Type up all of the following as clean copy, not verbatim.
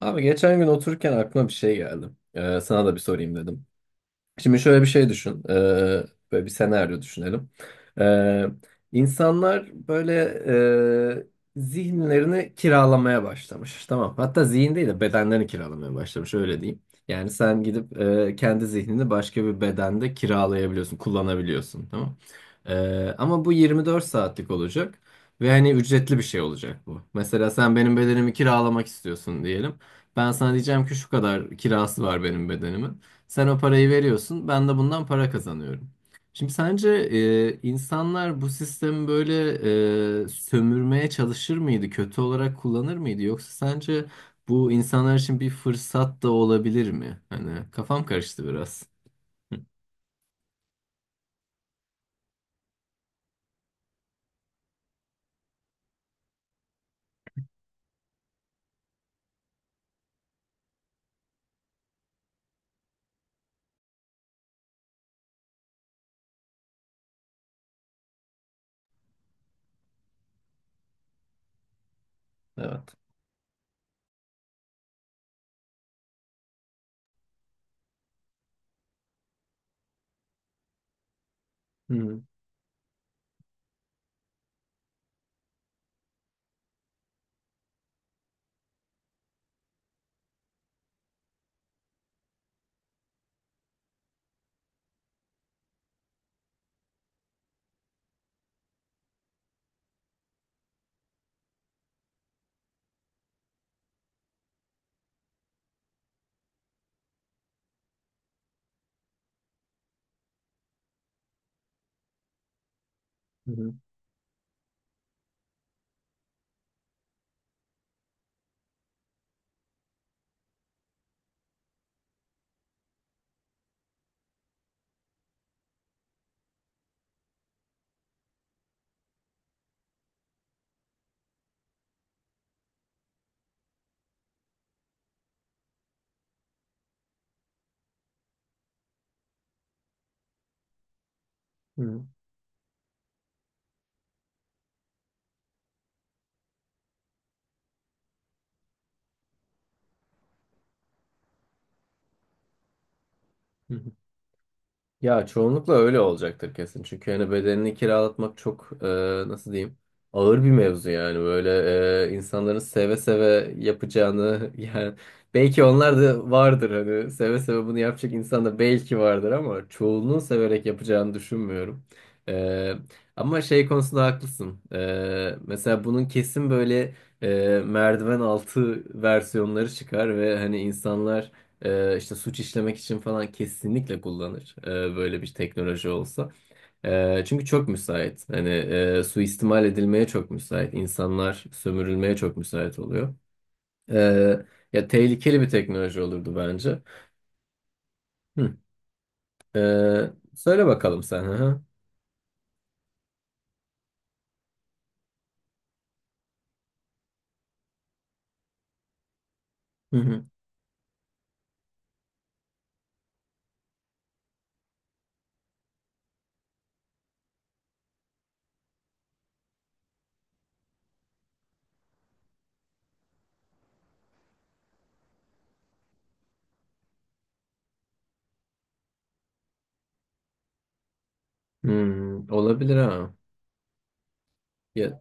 Abi geçen gün otururken aklıma bir şey geldi. Sana da bir sorayım dedim. Şimdi şöyle bir şey düşün. Böyle bir senaryo düşünelim. Ee, insanlar böyle e, zihinlerini kiralamaya başlamış. Tamam. Hatta zihin değil de bedenlerini kiralamaya başlamış. Öyle diyeyim. Yani sen gidip kendi zihnini başka bir bedende kiralayabiliyorsun, kullanabiliyorsun. Tamam. Ama bu 24 saatlik olacak. Ve hani ücretli bir şey olacak bu. Mesela sen benim bedenimi kiralamak istiyorsun diyelim. Ben sana diyeceğim ki şu kadar kirası var benim bedenimin. Sen o parayı veriyorsun, ben de bundan para kazanıyorum. Şimdi sence insanlar bu sistemi böyle sömürmeye çalışır mıydı, kötü olarak kullanır mıydı? Yoksa sence bu insanlar için bir fırsat da olabilir mi? Hani kafam karıştı biraz. Hı. Evet. Hı hı. Hı hı. Hı hı. Ya çoğunlukla öyle olacaktır kesin. Çünkü hani bedenini kiralatmak çok nasıl diyeyim, ağır bir mevzu yani. Böyle insanların seve seve yapacağını yani belki onlar da vardır, hani seve seve bunu yapacak insan da belki vardır ama çoğunluğun severek yapacağını düşünmüyorum. E, ama şey konusunda haklısın. Mesela bunun kesin böyle merdiven altı versiyonları çıkar ve hani insanlar işte suç işlemek için falan kesinlikle kullanır, böyle bir teknoloji olsa. Çünkü çok müsait. Hani suistimal edilmeye çok müsait. İnsanlar sömürülmeye çok müsait oluyor. Ee, ya tehlikeli bir teknoloji olurdu bence. Hı. Söyle bakalım sen. Hı hı. Hı hı. Hmm, olabilir ha. Ya,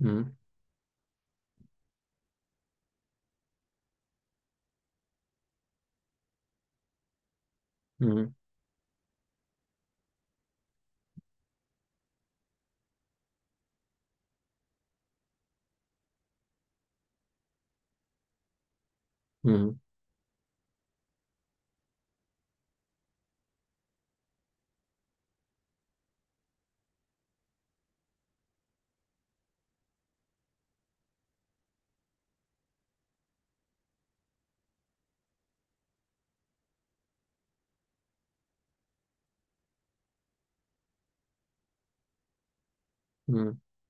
hı hı. Hı hı.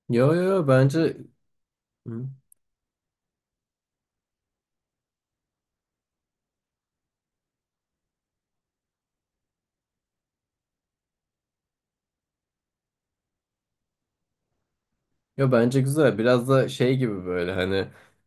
Yo, yo, yo, bence yo, bence güzel. Biraz da şey gibi, böyle hani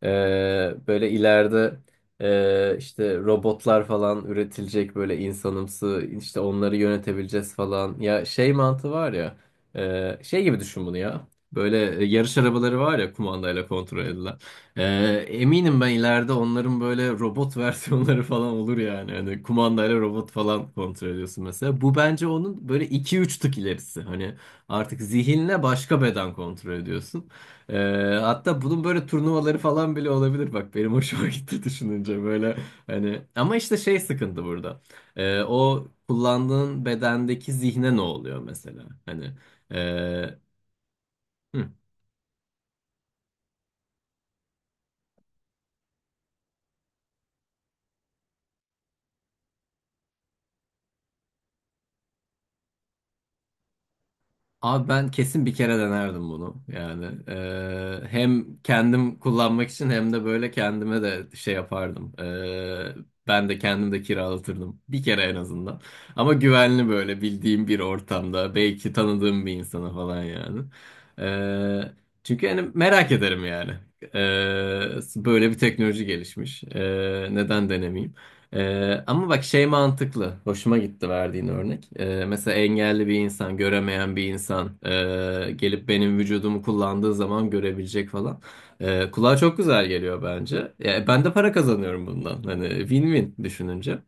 böyle ileride işte robotlar falan üretilecek, böyle insanımsı, işte onları yönetebileceğiz falan. Ya şey mantığı var ya, şey gibi düşün bunu ya. Böyle yarış arabaları var ya, kumandayla kontrol edilen. Eminim ben ileride onların böyle robot versiyonları falan olur yani. Hani kumandayla robot falan kontrol ediyorsun mesela. Bu bence onun böyle iki üç tık ilerisi. Hani artık zihinle başka beden kontrol ediyorsun. Ee, hatta bunun böyle turnuvaları falan bile olabilir. Bak benim hoşuma gitti düşününce, böyle hani ama işte şey sıkıntı burada. O kullandığın bedendeki zihne ne oluyor mesela? Hani e, hı. Abi ben kesin bir kere denerdim bunu. Yani hem kendim kullanmak için hem de böyle kendime de şey yapardım. Ben de kendim de kiralatırdım. Bir kere en azından. Ama güvenli, böyle bildiğim bir ortamda. Belki tanıdığım bir insana falan yani. Eee, çünkü hani merak ederim yani. Böyle bir teknoloji gelişmiş. Neden denemeyeyim? Ama bak şey mantıklı. Hoşuma gitti verdiğin örnek. Mesela engelli bir insan, göremeyen bir insan gelip benim vücudumu kullandığı zaman görebilecek falan. Kulağa çok güzel geliyor bence. Ya, ben de para kazanıyorum bundan. Hani win-win düşününce.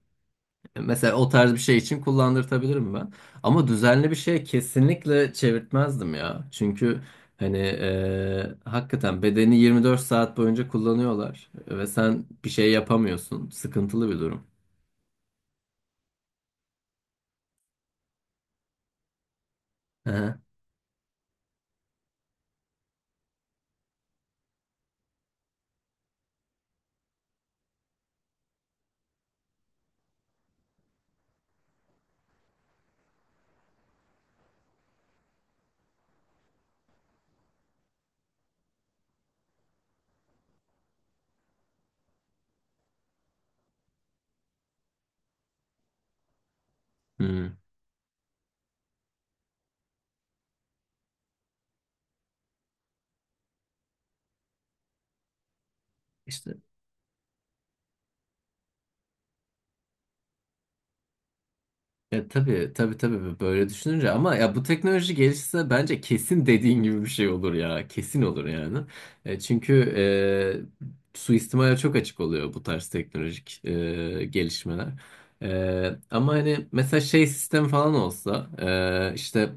Mesela o tarz bir şey için kullandırtabilirim ben. Ama düzenli bir şeye kesinlikle çevirtmezdim ya. Çünkü hani hakikaten bedeni 24 saat boyunca kullanıyorlar ve sen bir şey yapamıyorsun. Sıkıntılı bir durum. Aha. Hmm. İşte ya, tabii, tabii, tabii, böyle düşününce, ama ya bu teknoloji gelişse bence kesin dediğin gibi bir şey olur ya. Kesin olur yani. Çünkü suistimale çok açık oluyor bu tarz teknolojik gelişmeler. Ama hani mesela şey sistem falan olsa, işte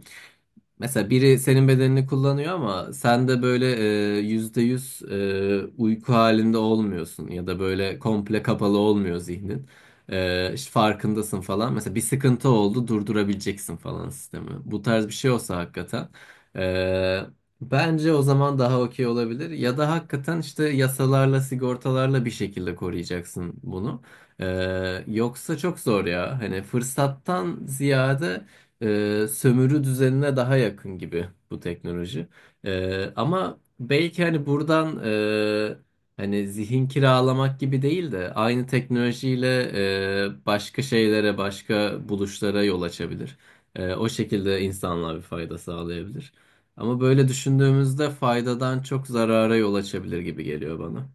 mesela biri senin bedenini kullanıyor ama sen de böyle %100 uyku halinde olmuyorsun ya da böyle komple kapalı olmuyor zihnin. İşte farkındasın falan. Mesela bir sıkıntı oldu, durdurabileceksin falan sistemi. Bu tarz bir şey olsa hakikaten. ee, Bence o zaman daha okey olabilir. Ya da hakikaten işte yasalarla, sigortalarla bir şekilde koruyacaksın bunu. Yoksa çok zor ya. Hani fırsattan ziyade sömürü düzenine daha yakın gibi bu teknoloji. Ama belki hani buradan, hani zihin kiralamak gibi değil de aynı teknolojiyle başka şeylere, başka buluşlara yol açabilir. O şekilde insanlığa bir fayda sağlayabilir. Ama böyle düşündüğümüzde faydadan çok zarara yol açabilir gibi geliyor bana.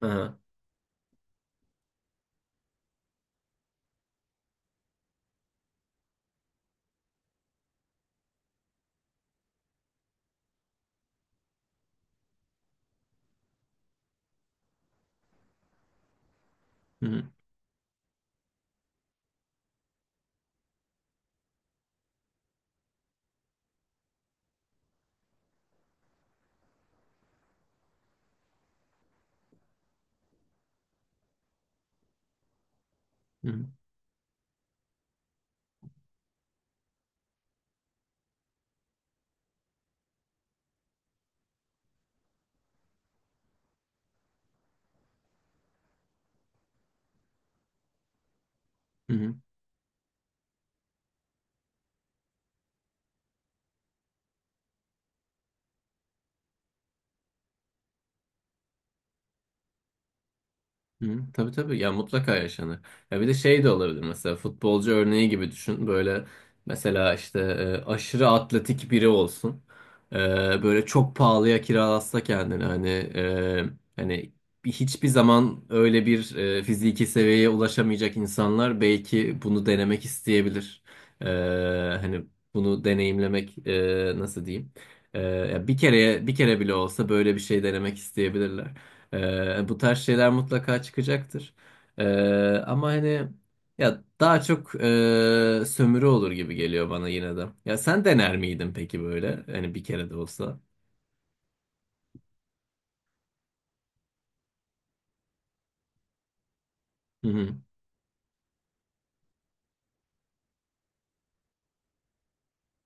Aha. Hı hı. Hı hı. Hı, tabii, tabii ya, mutlaka yaşanır. Ya bir de şey de olabilir, mesela futbolcu örneği gibi düşün. Böyle mesela işte aşırı atletik biri olsun. E, böyle çok pahalıya kiralatsa kendini hani, hani hiçbir zaman öyle bir fiziki seviyeye ulaşamayacak insanlar belki bunu denemek isteyebilir. E, hani bunu deneyimlemek, nasıl diyeyim? Ya bir kere bile olsa böyle bir şey denemek isteyebilirler. Bu tarz şeyler mutlaka çıkacaktır. Ee, ama hani ya daha çok sömürü olur gibi geliyor bana yine de. Ya sen dener miydin peki böyle? Hani bir kere de olsa. Hı hı.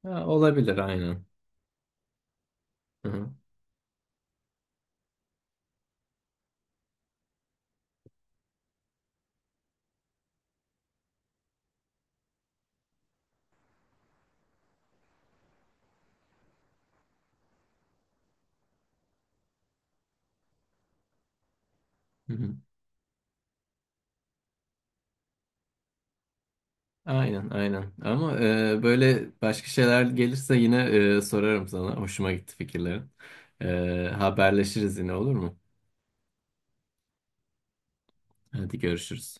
Ha, olabilir, aynen. Hı hı. Hı hı. Aynen, aynen. Ama böyle başka şeyler gelirse yine sorarım sana. Hoşuma gitti fikirlerin. Haberleşiriz yine, olur mu? Hadi görüşürüz.